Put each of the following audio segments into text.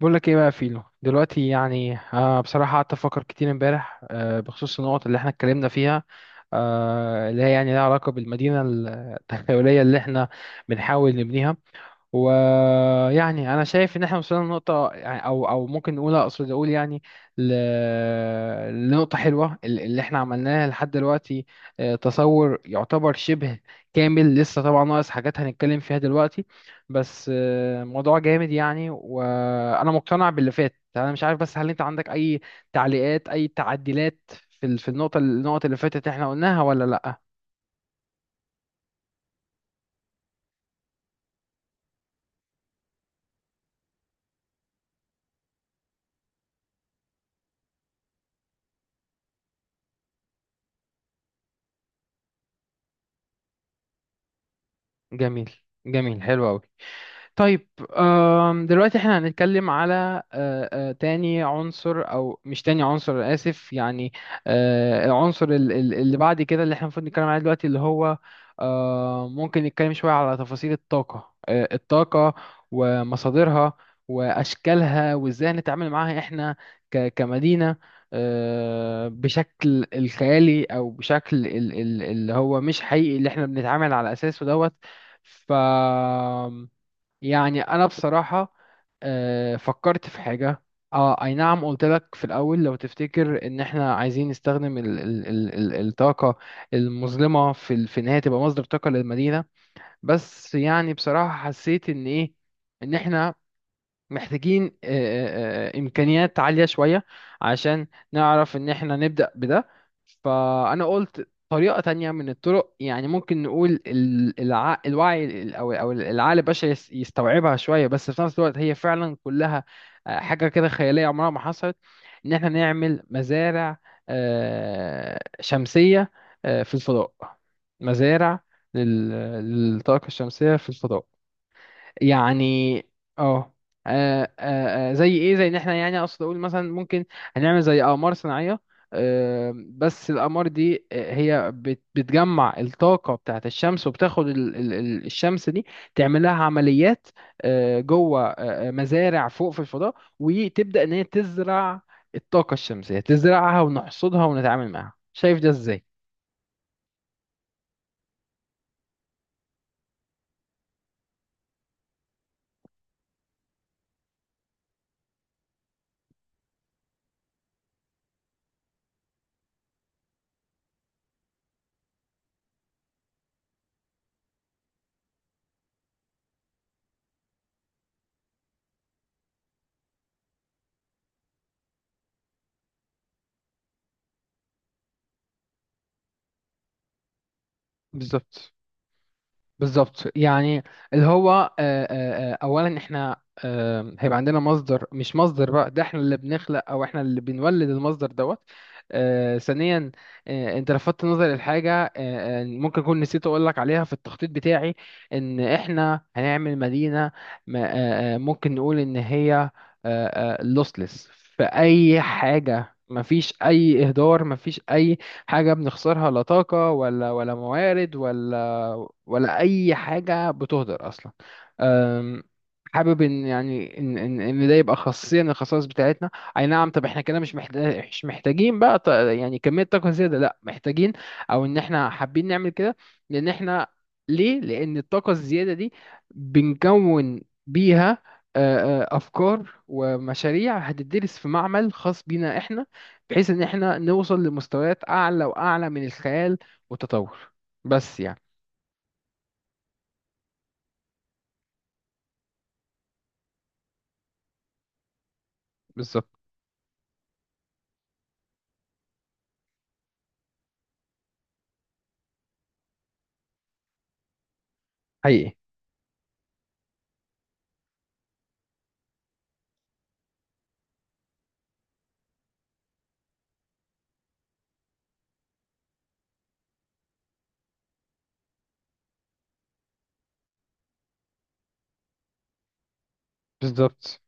بقول لك ايه بقى يا فيلو دلوقتي يعني بصراحة قعدت افكر كتير امبارح بخصوص النقط اللي احنا اتكلمنا فيها، اللي هي يعني لها علاقة بالمدينة التخيلية اللي احنا بنحاول نبنيها. ويعني انا شايف ان احنا وصلنا لنقطه يعني او ممكن نقول اقصد اقول يعني ل... لنقطه حلوه اللي احنا عملناها لحد دلوقتي. تصور يعتبر شبه كامل، لسه طبعا ناقص حاجات هنتكلم فيها دلوقتي. بس موضوع جامد يعني، وانا مقتنع باللي فات. انا مش عارف بس، هل انت عندك اي تعليقات، اي تعديلات في النقطه النقط اللي فاتت احنا قلناها ولا لا؟ جميل. جميل، حلو قوي. طيب. دلوقتي احنا هنتكلم على تاني عنصر، او مش تاني عنصر، أنا اسف يعني. العنصر اللي بعد كده، اللي احنا المفروض نتكلم عليه دلوقتي، اللي هو ممكن نتكلم شوية على تفاصيل الطاقة ومصادرها واشكالها، وازاي نتعامل معاها احنا كمدينة. بشكل الخيالي او بشكل اللي هو مش حقيقي، اللي احنا بنتعامل على اساسه دوت. ف يعني انا بصراحه فكرت في حاجه. اه اي نعم، قلت لك في الاول لو تفتكر ان احنا عايزين نستخدم ال الطاقه المظلمه في ان هي تبقى مصدر طاقه للمدينه. بس يعني بصراحه حسيت ان ايه، ان احنا محتاجين إمكانيات عالية شوية، عشان نعرف إن إحنا نبدأ بده. فأنا قلت طريقة تانية من الطرق، يعني ممكن نقول الوعي أو العقل البشري يستوعبها شوية، بس في نفس الوقت هي فعلا كلها حاجة كده خيالية عمرها ما حصلت. إن إحنا نعمل مزارع شمسية في الفضاء. مزارع لل- للطاقة الشمسية في الفضاء يعني. اه. زي ايه، زي ان احنا يعني اقصد اقول مثلا ممكن هنعمل زي اقمار صناعيه. بس الاقمار دي هي بتجمع الطاقه بتاعه الشمس، وبتاخد الشمس دي تعمل لها عمليات جوه مزارع فوق في الفضاء، وتبدا ان هي تزرع الطاقه الشمسيه، تزرعها ونحصدها ونتعامل معاها. شايف ده ازاي؟ بالظبط. بالظبط يعني. اللي هو اولا احنا هيبقى عندنا مصدر، مش مصدر بقى، ده احنا اللي بنخلق او احنا اللي بنولد المصدر دوت. ثانيا، انت لفتت نظري لحاجه. ممكن اكون نسيت اقول لك عليها في التخطيط بتاعي، ان احنا هنعمل مدينه. ممكن نقول ان هي لوسلس في اي حاجه، مفيش اي اهدار، مفيش اي حاجة بنخسرها، لا طاقة ولا موارد ولا أي حاجة بتهدر أصلا. أم، حابب إن يعني إن ده يبقى خاصية من الخصائص بتاعتنا. أي نعم. طب إحنا كده مش محتاجين بقى يعني كمية طاقة زيادة. لأ، محتاجين، أو إن إحنا حابين نعمل كده. لأن إحنا ليه؟ لأن الطاقة الزيادة دي بنكون بيها أفكار ومشاريع هتدرس في معمل خاص بينا إحنا، بحيث ان احنا نوصل لمستويات اعلى واعلى من الخيال والتطور، بس يعني. بالظبط. حقيقي. بالظبط.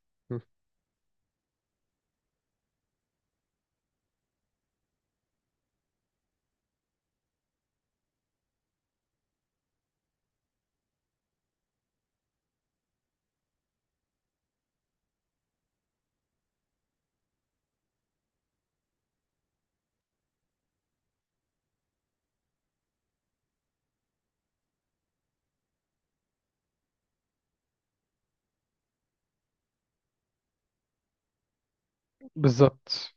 بالظبط.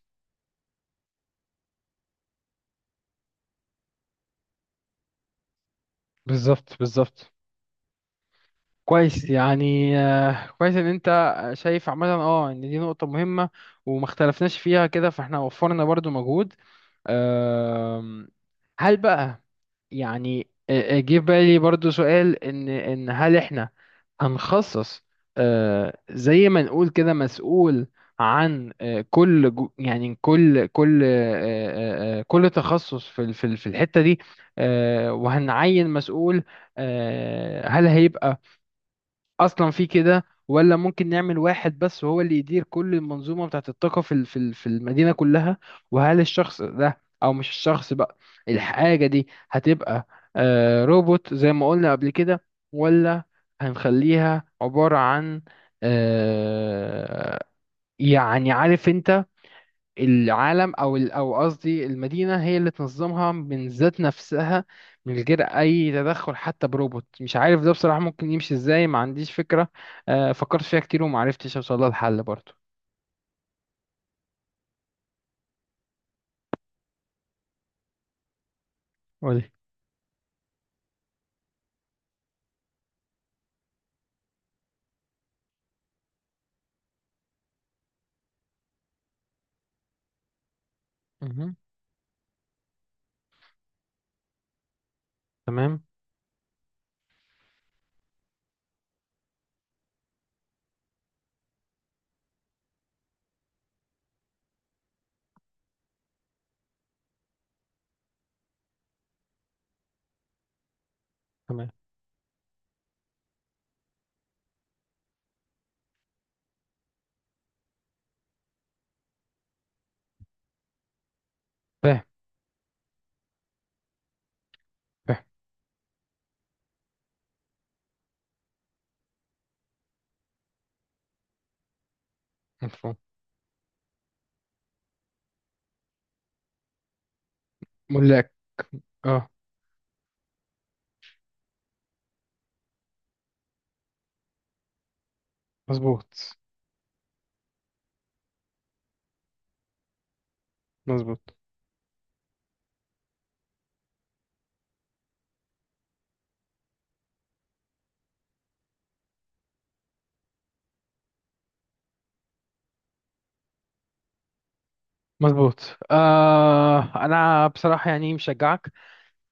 بالظبط. بالظبط. كويس يعني. كويس ان انت شايف عامه اه ان دي نقطة مهمة، وما اختلفناش فيها كده، فاحنا وفرنا برضو مجهود. أم، هل بقى يعني، جه في بالي برضو سؤال، ان هل احنا هنخصص زي ما نقول كده مسؤول عن يعني كل كل أه، أه، أه، كل تخصص في الحتة دي. وهنعين مسؤول. هل هيبقى اصلا في كده، ولا ممكن نعمل واحد بس وهو اللي يدير كل المنظومه بتاعت الطاقه في المدينه كلها؟ وهل الشخص ده، او مش الشخص بقى، الحاجه دي هتبقى روبوت زي ما قلنا قبل كده، ولا هنخليها عباره عن آه، يعني عارف انت، العالم او قصدي المدينه هي اللي تنظمها من ذات نفسها، من غير اي تدخل حتى بروبوت؟ مش عارف ده بصراحه ممكن يمشي ازاي، ما عنديش فكره. فكرت فيها كتير وما عرفتش اوصل لها الحل برضه. قولي. مهم. تمام. تمام. فاهم. فاهم. مفهوم. ملاك. اه. مظبوط. مظبوط. مظبوط. انا بصراحه يعني مشجعك.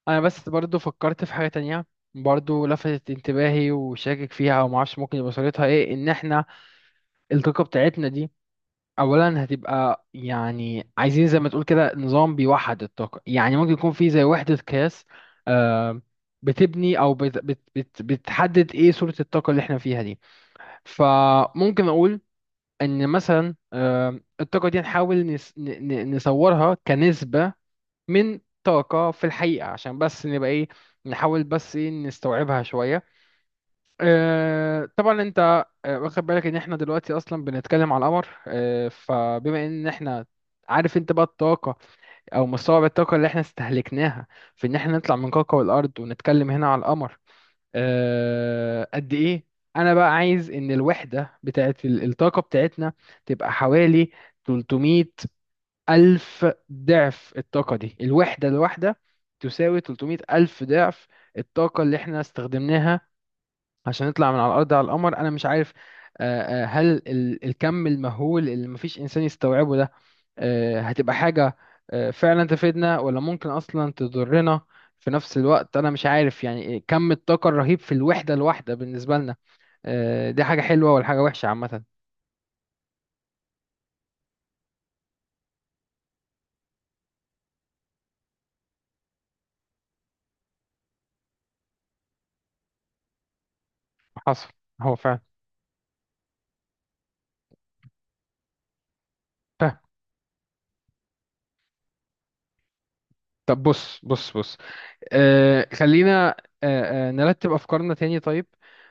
انا بس برضو فكرت في حاجه تانية، برضو لفتت انتباهي، وشاكك فيها وما اعرفش ممكن يبقى صورتها ايه، ان احنا الطاقة بتاعتنا دي أولا هتبقى يعني، عايزين زي ما تقول كده نظام بيوحد الطاقة، يعني ممكن يكون في زي وحدة قياس آه، بتبني أو بت بت بت بتحدد إيه صورة الطاقة اللي إحنا فيها دي. فممكن أقول إن مثلا الطاقة دي نحاول نصورها كنسبة من طاقة في الحقيقة، عشان بس نبقى إيه، نحاول بس إيه نستوعبها شوية. طبعا انت واخد بالك ان احنا دلوقتي اصلا بنتكلم على القمر. فبما ان احنا عارف انت بقى الطاقة، او مستوعب الطاقة اللي احنا استهلكناها في ان احنا نطلع من كوكب الارض ونتكلم هنا على القمر، قد ايه؟ انا بقى عايز ان الوحدة بتاعت الطاقة بتاعتنا تبقى حوالي 300 الف ضعف الطاقة دي. الوحدة الواحدة تساوي 300 الف ضعف الطاقة اللي احنا استخدمناها عشان نطلع من على الأرض على القمر. أنا مش عارف هل الكم المهول اللي مفيش إنسان يستوعبه ده هتبقى حاجة فعلا تفيدنا، ولا ممكن أصلا تضرنا؟ في نفس الوقت أنا مش عارف يعني إيه كم الطاقة الرهيب في الوحدة الواحدة بالنسبة لنا، دي حاجة حلوة ولا حاجة وحشة عامة؟ حصل. هو فعلا. فاهم. طب بص، بص، بص. خلينا، نرتب أفكارنا تاني. طيب.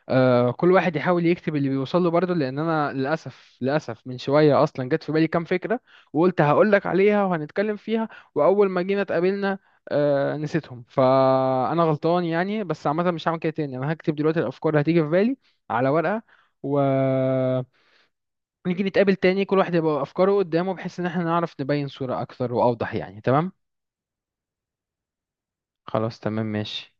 كل واحد يحاول يكتب اللي بيوصل له برضه، لأن أنا للأسف، للأسف، من شوية أصلا جت في بالي كام فكرة، وقلت هقولك عليها وهنتكلم فيها، وأول ما جينا اتقابلنا نسيتهم. فأنا غلطان يعني، بس عامة مش هعمل كده تاني. أنا هكتب دلوقتي الأفكار اللي هتيجي في بالي على ورقة، و نيجي نتقابل تاني، كل واحد يبقى أفكاره قدامه، بحيث إن احنا نعرف نبين صورة أكثر وأوضح يعني. تمام؟ خلاص تمام ماشي.